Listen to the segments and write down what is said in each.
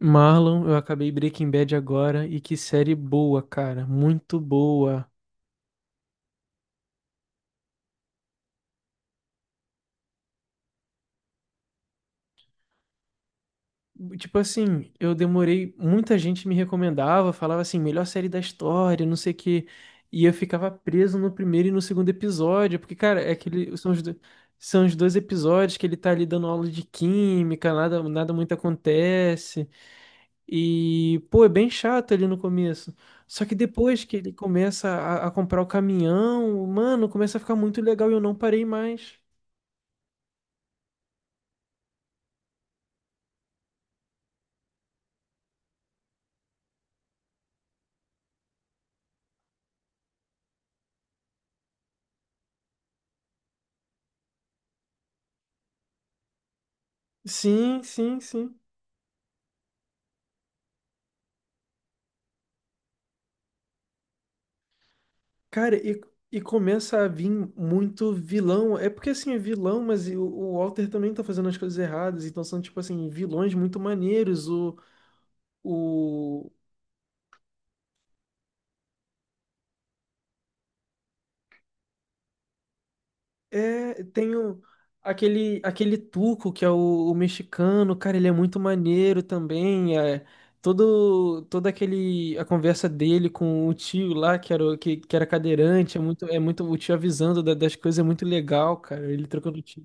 Marlon, eu acabei Breaking Bad agora e que série boa, cara, muito boa. Tipo assim, eu demorei, muita gente me recomendava, falava assim, melhor série da história, não sei o quê, e eu ficava preso no primeiro e no segundo episódio, porque, cara, é aquele, são os, são os dois episódios que ele tá ali dando aula de química, nada, nada muito acontece. E, pô, é bem chato ali no começo. Só que depois que ele começa a comprar o caminhão, mano, começa a ficar muito legal e eu não parei mais. Sim, sim, sim. Cara, e começa a vir muito vilão. É porque, assim, é vilão, mas e o Walter também tá fazendo as coisas erradas. Então são, tipo assim, vilões muito maneiros. O, É, aquele, aquele Tuco, que é o mexicano, cara, ele é muito maneiro também. É, todo, todo aquele, a conversa dele com o tio lá, que era, que era cadeirante, é muito, o tio avisando das coisas, é muito legal, cara. Ele trocando o tio.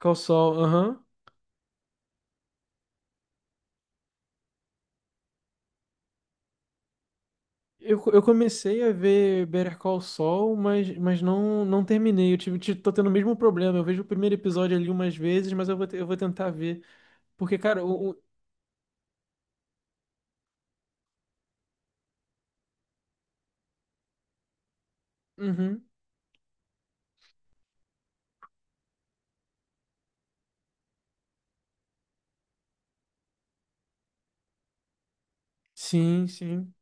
Call Saul, aham. Eu comecei a ver Better Call Saul, mas não, não terminei. Eu tive, tô tendo o mesmo problema. Eu vejo o primeiro episódio ali umas vezes, mas eu vou, eu vou tentar ver. Porque, cara, uhum. Sim, sim.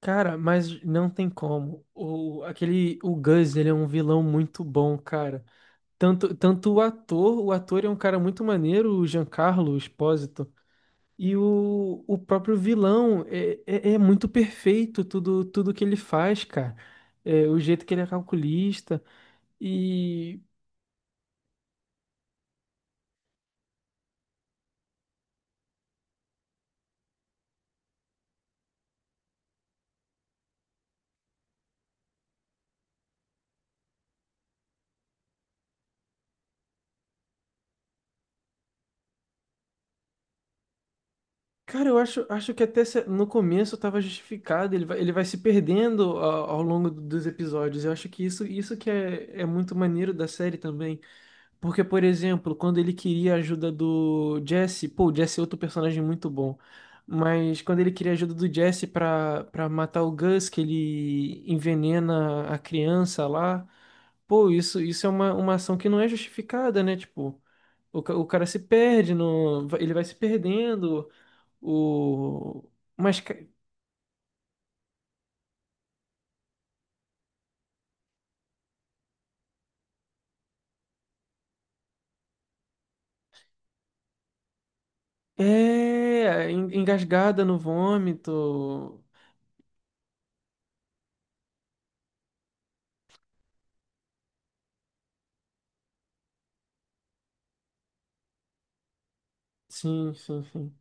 Cara, mas não tem como. O, aquele, o Gus, ele é um vilão muito bom, cara. Tanto, tanto o ator é um cara muito maneiro, o Giancarlo Esposito. E o próprio vilão é, é, é muito perfeito tudo, tudo que ele faz, cara. É, o jeito que ele é calculista. E, cara, eu acho, acho que até no começo tava justificado. Ele vai se perdendo ao, ao longo dos episódios. Eu acho que isso que é, é muito maneiro da série também. Porque, por exemplo, quando ele queria a ajuda do Jesse, pô, o Jesse é outro personagem muito bom. Mas quando ele queria a ajuda do Jesse pra, pra matar o Gus, que ele envenena a criança lá, pô, isso é uma ação que não é justificada, né? Tipo, o, o cara se perde, no, ele vai se perdendo, o. Mas ca- é engasgada no vômito. Sim, sim, sim.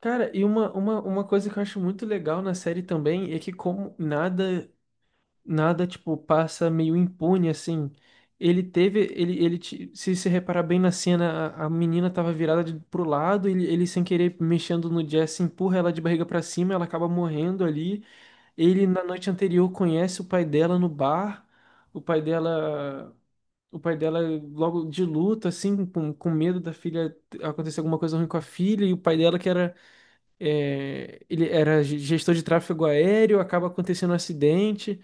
Cara, e uma coisa que eu acho muito legal na série também é que como nada, nada, tipo, passa meio impune, assim. Ele teve, ele, se se reparar bem na cena, a menina tava virada de, pro lado, ele sem querer mexendo no Jesse, empurra ela de barriga pra cima, ela acaba morrendo ali. Ele, na noite anterior, conhece o pai dela no bar, o pai dela... O pai dela logo de luto, assim, com medo da filha acontecer alguma coisa ruim com a filha, e o pai dela que era é, ele era gestor de tráfego aéreo, acaba acontecendo um acidente.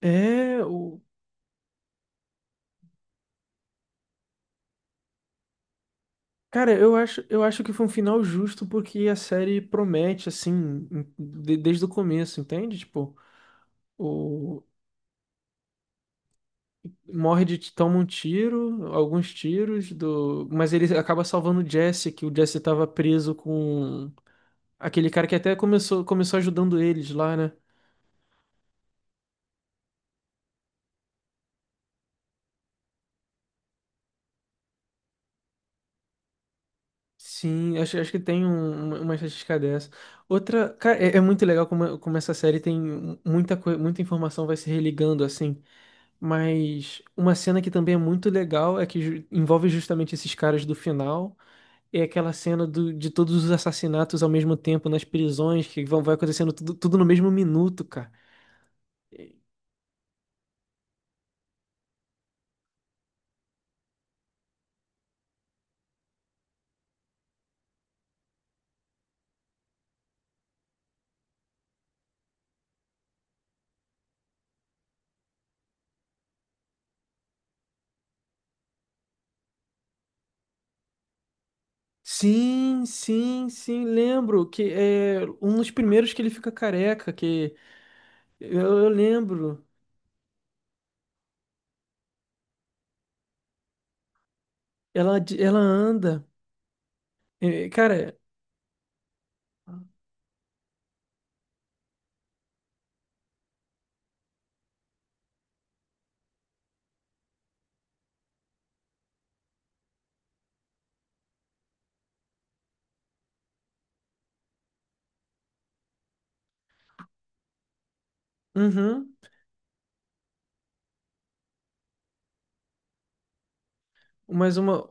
É, o, cara, eu acho que foi um final justo porque a série promete, assim, desde o começo, entende? Tipo, o, morre de, toma um tiro, alguns tiros, do, mas ele acaba salvando o Jesse, que o Jesse estava preso com aquele cara que até começou, começou ajudando eles lá, né? Sim, acho, acho que tem uma estatística dessa. Outra, cara, é, é muito legal como, como essa série tem muita coisa, muita informação vai se religando assim. Mas uma cena que também é muito legal é que envolve justamente esses caras do final. É aquela cena do, de todos os assassinatos ao mesmo tempo nas prisões, que vão, vai acontecendo tudo, tudo no mesmo minuto, cara. Sim, sim, sim, lembro que é um dos primeiros que ele fica careca, que eu eu lembro. Ela, ela anda. É, cara, uhum, mas uma,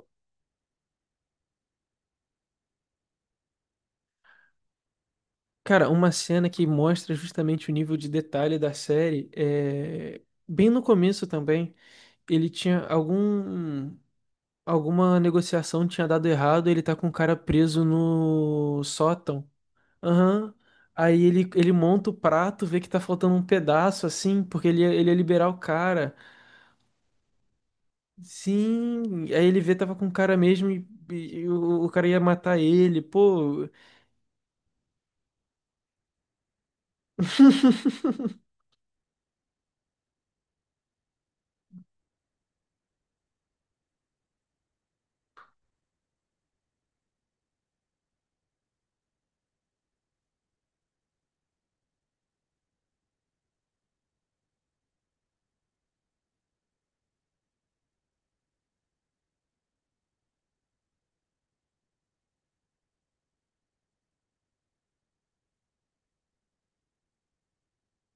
cara, uma cena que mostra justamente o nível de detalhe da série é bem no começo também, ele tinha algum alguma negociação tinha dado errado, ele tá com o cara preso no sótão. Aham. Aí ele monta o prato, vê que tá faltando um pedaço assim, porque ele ia liberar o cara. Sim, aí ele vê tava com o cara mesmo e o cara ia matar ele. Pô,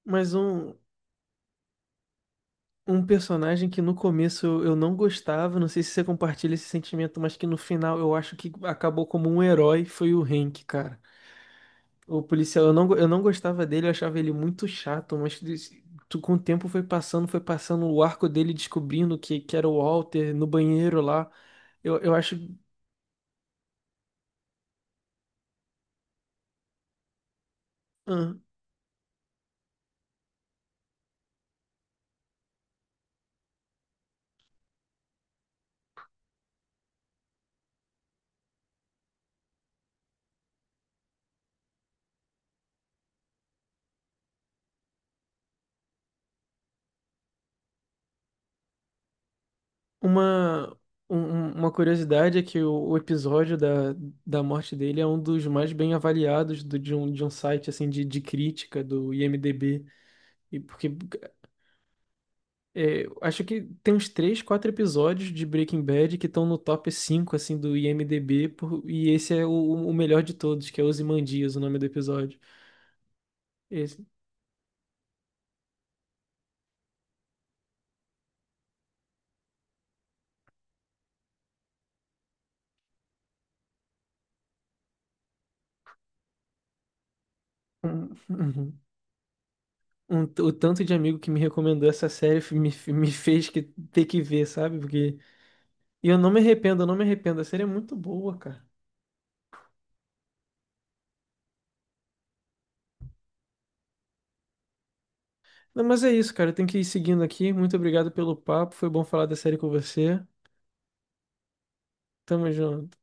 mais um. Um personagem que no começo eu não gostava, não sei se você compartilha esse sentimento, mas que no final eu acho que acabou como um herói, foi o Hank, cara. O policial, eu não, eu não gostava dele, eu achava ele muito chato, mas com o tempo foi passando o arco dele descobrindo que era o Walter no banheiro lá. Eu acho ah, uma, uma curiosidade é que o episódio da, da morte dele é um dos mais bem avaliados do, de um site assim de crítica do IMDb. E porque é, acho que tem uns três, quatro episódios de Breaking Bad que estão no top 5 assim do IMDb, e esse é o melhor de todos, que é Ozymandias, o nome do episódio. Esse- uhum. O tanto de amigo que me recomendou essa série me fez que, ter que ver, sabe? Porque e eu não me arrependo, eu não me arrependo, a série é muito boa, cara. Não, mas é isso, cara, eu tenho que ir seguindo aqui. Muito obrigado pelo papo, foi bom falar da série com você. Tamo junto.